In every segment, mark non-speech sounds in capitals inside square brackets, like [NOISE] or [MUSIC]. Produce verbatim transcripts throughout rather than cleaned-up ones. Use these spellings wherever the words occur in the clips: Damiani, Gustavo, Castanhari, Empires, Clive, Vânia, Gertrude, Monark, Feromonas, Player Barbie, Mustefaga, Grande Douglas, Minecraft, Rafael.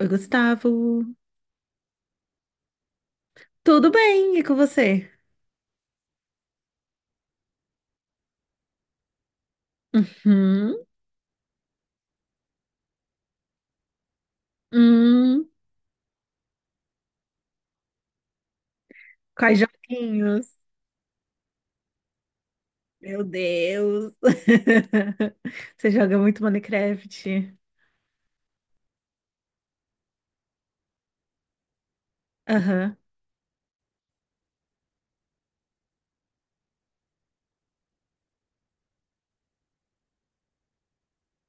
Oi, Gustavo. Tudo bem? E com você? Uhum. Hum. Quais joguinhos? Meu Deus. [LAUGHS] Você joga muito Minecraft. Aham.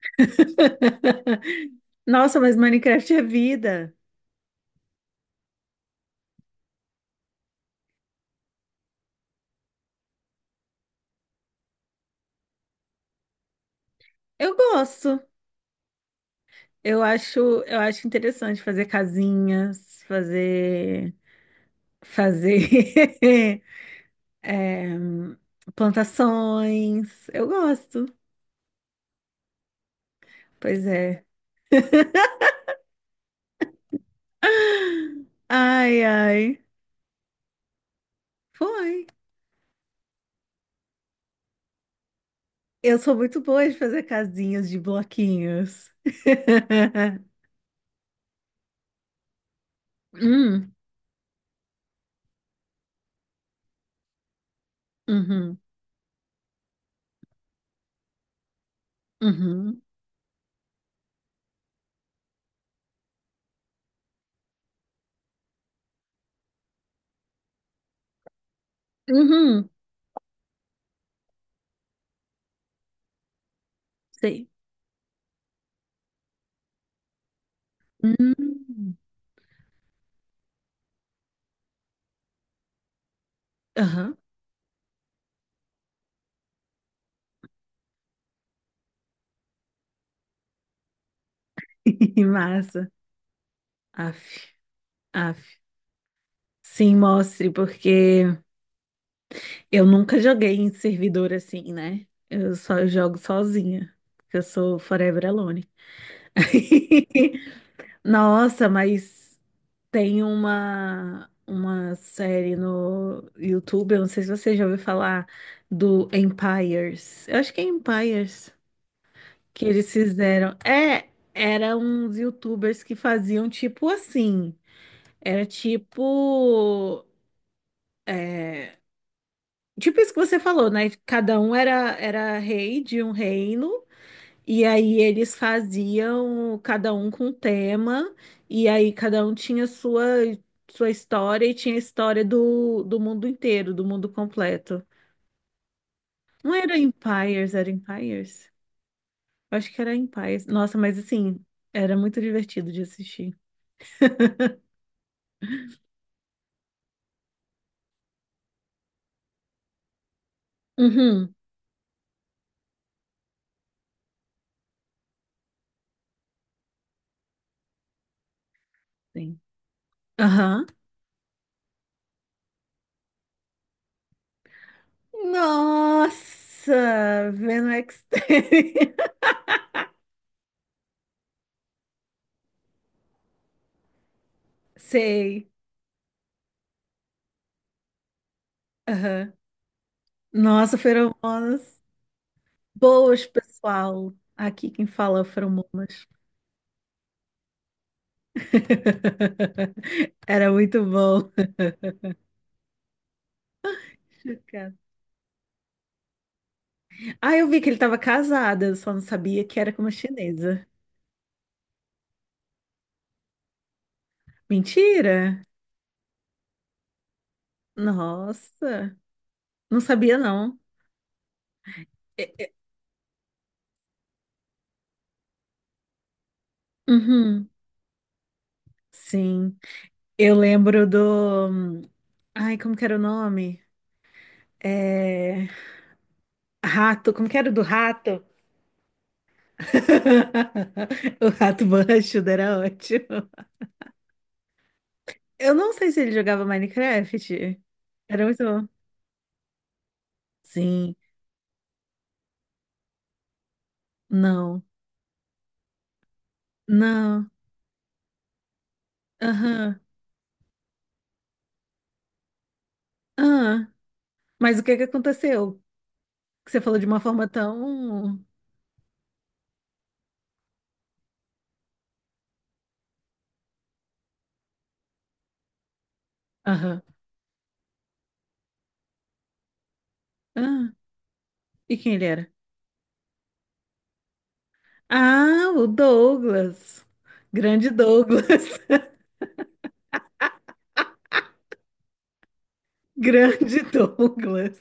[LAUGHS] Nossa, mas Minecraft é vida. Eu gosto. Eu acho, eu acho interessante fazer casinhas, fazer, fazer [LAUGHS] é, plantações. Eu gosto. Pois é. [LAUGHS] [LAUGHS] Ai, ai. Foi. Eu sou muito boa de fazer casinhas de bloquinhos. [LAUGHS] Hum, uhum, uhum, uhum, sei. Hum, aham. [LAUGHS] Massa. Aff, aff. Sim, mostre, porque eu nunca joguei em servidor assim, né? Eu só jogo sozinha, porque eu sou forever alone. [LAUGHS] Nossa, mas tem uma, uma série no YouTube, eu não sei se você já ouviu falar do Empires. Eu acho que é Empires que eles fizeram. É, eram uns YouTubers que faziam tipo assim. Era tipo. é, tipo isso que você falou, né? Cada um era, era rei de um reino. E aí eles faziam cada um com um tema, e aí cada um tinha sua sua história e tinha a história do, do mundo inteiro, do mundo completo. Não era Empires, era Empires? Eu acho que era Empires. Nossa, mas assim, era muito divertido de assistir. [LAUGHS] Uhum. Sim. Aham. Nossa, vendo Extreme. [LAUGHS] Sei. Aham. Nossa, feromonas. Boas, pessoal. Aqui quem fala é o Feromonas. [LAUGHS] Era muito bom. Chocada. Ah, eu vi que ele estava casado, eu só não sabia que era com uma chinesa. Mentira! Nossa, não sabia não. E- e- Uhum, sim. Eu lembro do. Ai, como que era o nome? É... Rato, como que era o do rato? [LAUGHS] O rato borrachudo era ótimo. Eu não sei se ele jogava Minecraft. Era muito bom. Sim, não, não, aham, aham. Mas o que que aconteceu? Que você falou de uma forma tão. Aham, ah. E quem ele era? Ah, o Douglas. Grande Douglas. [LAUGHS] Grande Douglas.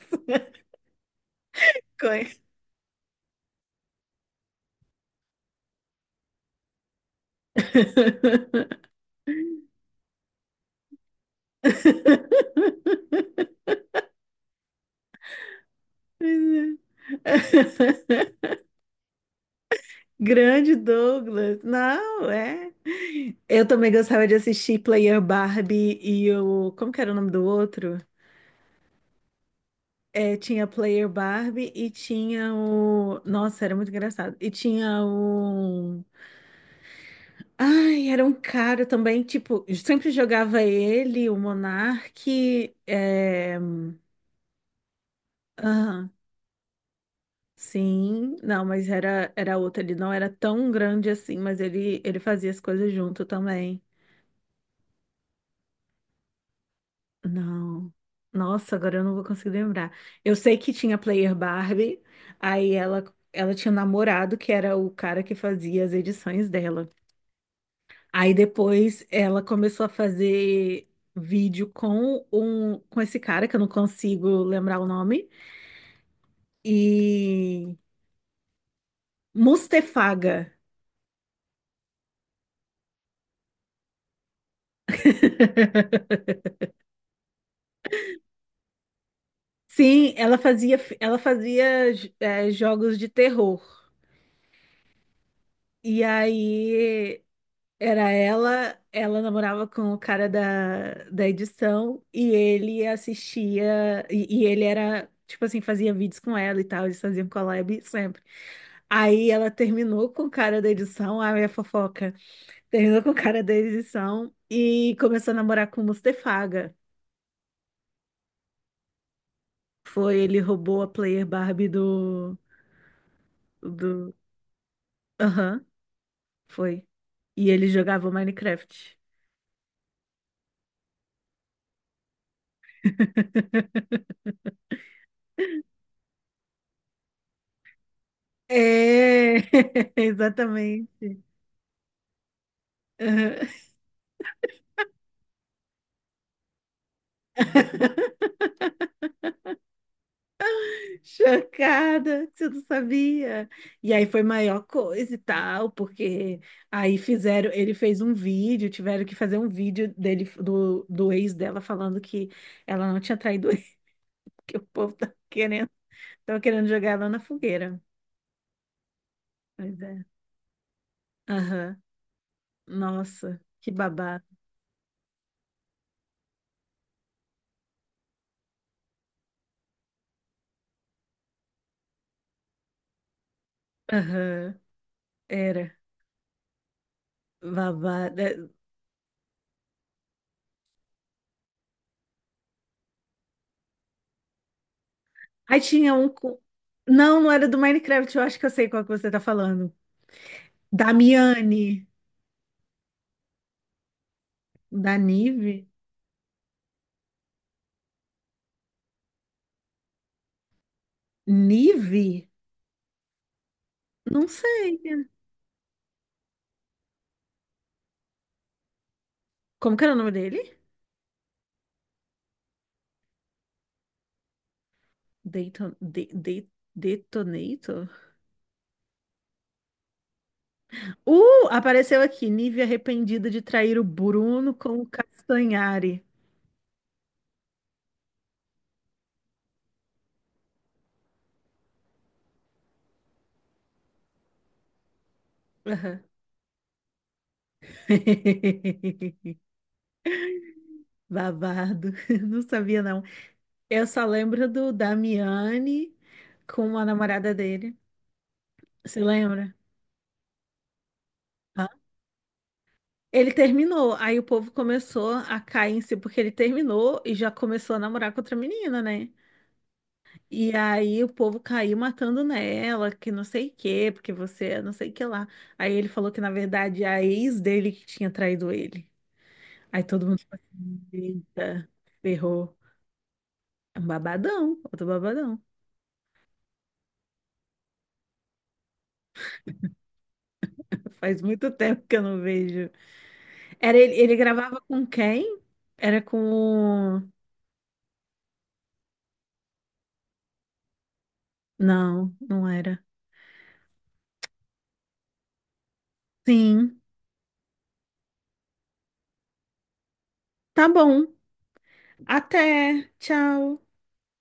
Conhe- [LAUGHS] Grande Douglas. Não, é. Eu também gostava de assistir Player Barbie e o. Como que era o nome do outro? É, tinha Player Barbie e tinha o. Nossa, era muito engraçado. E tinha o. Ai, era um cara também, tipo, sempre jogava ele, o Monark. É... aham, sim, não, mas era, era outro, ele não era tão grande assim, mas ele, ele fazia as coisas junto também. Não. Nossa, agora eu não vou conseguir lembrar. Eu sei que tinha Player Barbie, aí ela, ela tinha um namorado que era o cara que fazia as edições dela. Aí depois ela começou a fazer vídeo com um com esse cara que eu não consigo lembrar o nome e Mustefaga. Sim, ela fazia ela fazia eh, jogos de terror. E aí era ela, ela namorava com o cara da, da edição e ele assistia, e, e ele era, tipo assim, fazia vídeos com ela e tal, eles faziam collab sempre. Aí ela terminou com o cara da edição, a minha fofoca, terminou com o cara da edição e começou a namorar com o Mustefaga. Foi, ele roubou a Player Barbie do, do... Aham, foi. E ele jogava Minecraft. [LAUGHS] É, [LAUGHS] exatamente. Aham. Chocada, que você não sabia. E aí foi maior coisa e tal, porque aí fizeram, ele fez um vídeo, tiveram que fazer um vídeo dele do, do ex dela falando que ela não tinha traído ele, [LAUGHS] que o povo tava querendo, tava querendo jogar ela na fogueira. Pois é. Aham. Nossa, que babado. Aham. Era babado. É. Aí tinha um co- Não, não era do Minecraft, eu acho que eu sei qual que você tá falando. Da Miane, da Nive. Nive? Não sei. Como que era o nome dele? Dayton, de, de, Detonator? Uh, apareceu aqui. Nive arrependida de trair o Bruno com o Castanhari. Aham. [LAUGHS] Babado. [LAUGHS] Não sabia, não. Eu só lembro do Damiani com a namorada dele. Você lembra? Hã? Ele terminou, aí o povo começou a cair em si, porque ele terminou e já começou a namorar com outra menina, né? E aí o povo caiu matando nela, que não sei o quê, porque você é não sei o que lá. Aí ele falou que, na verdade, a ex dele que tinha traído ele. Aí todo mundo ficou assim, eita, ferrou. É um babadão, outro babadão. [LAUGHS] Faz muito tempo que eu não vejo. Era ele, ele gravava com quem? Era com... Não, não era. Sim, tá bom. Até, tchau.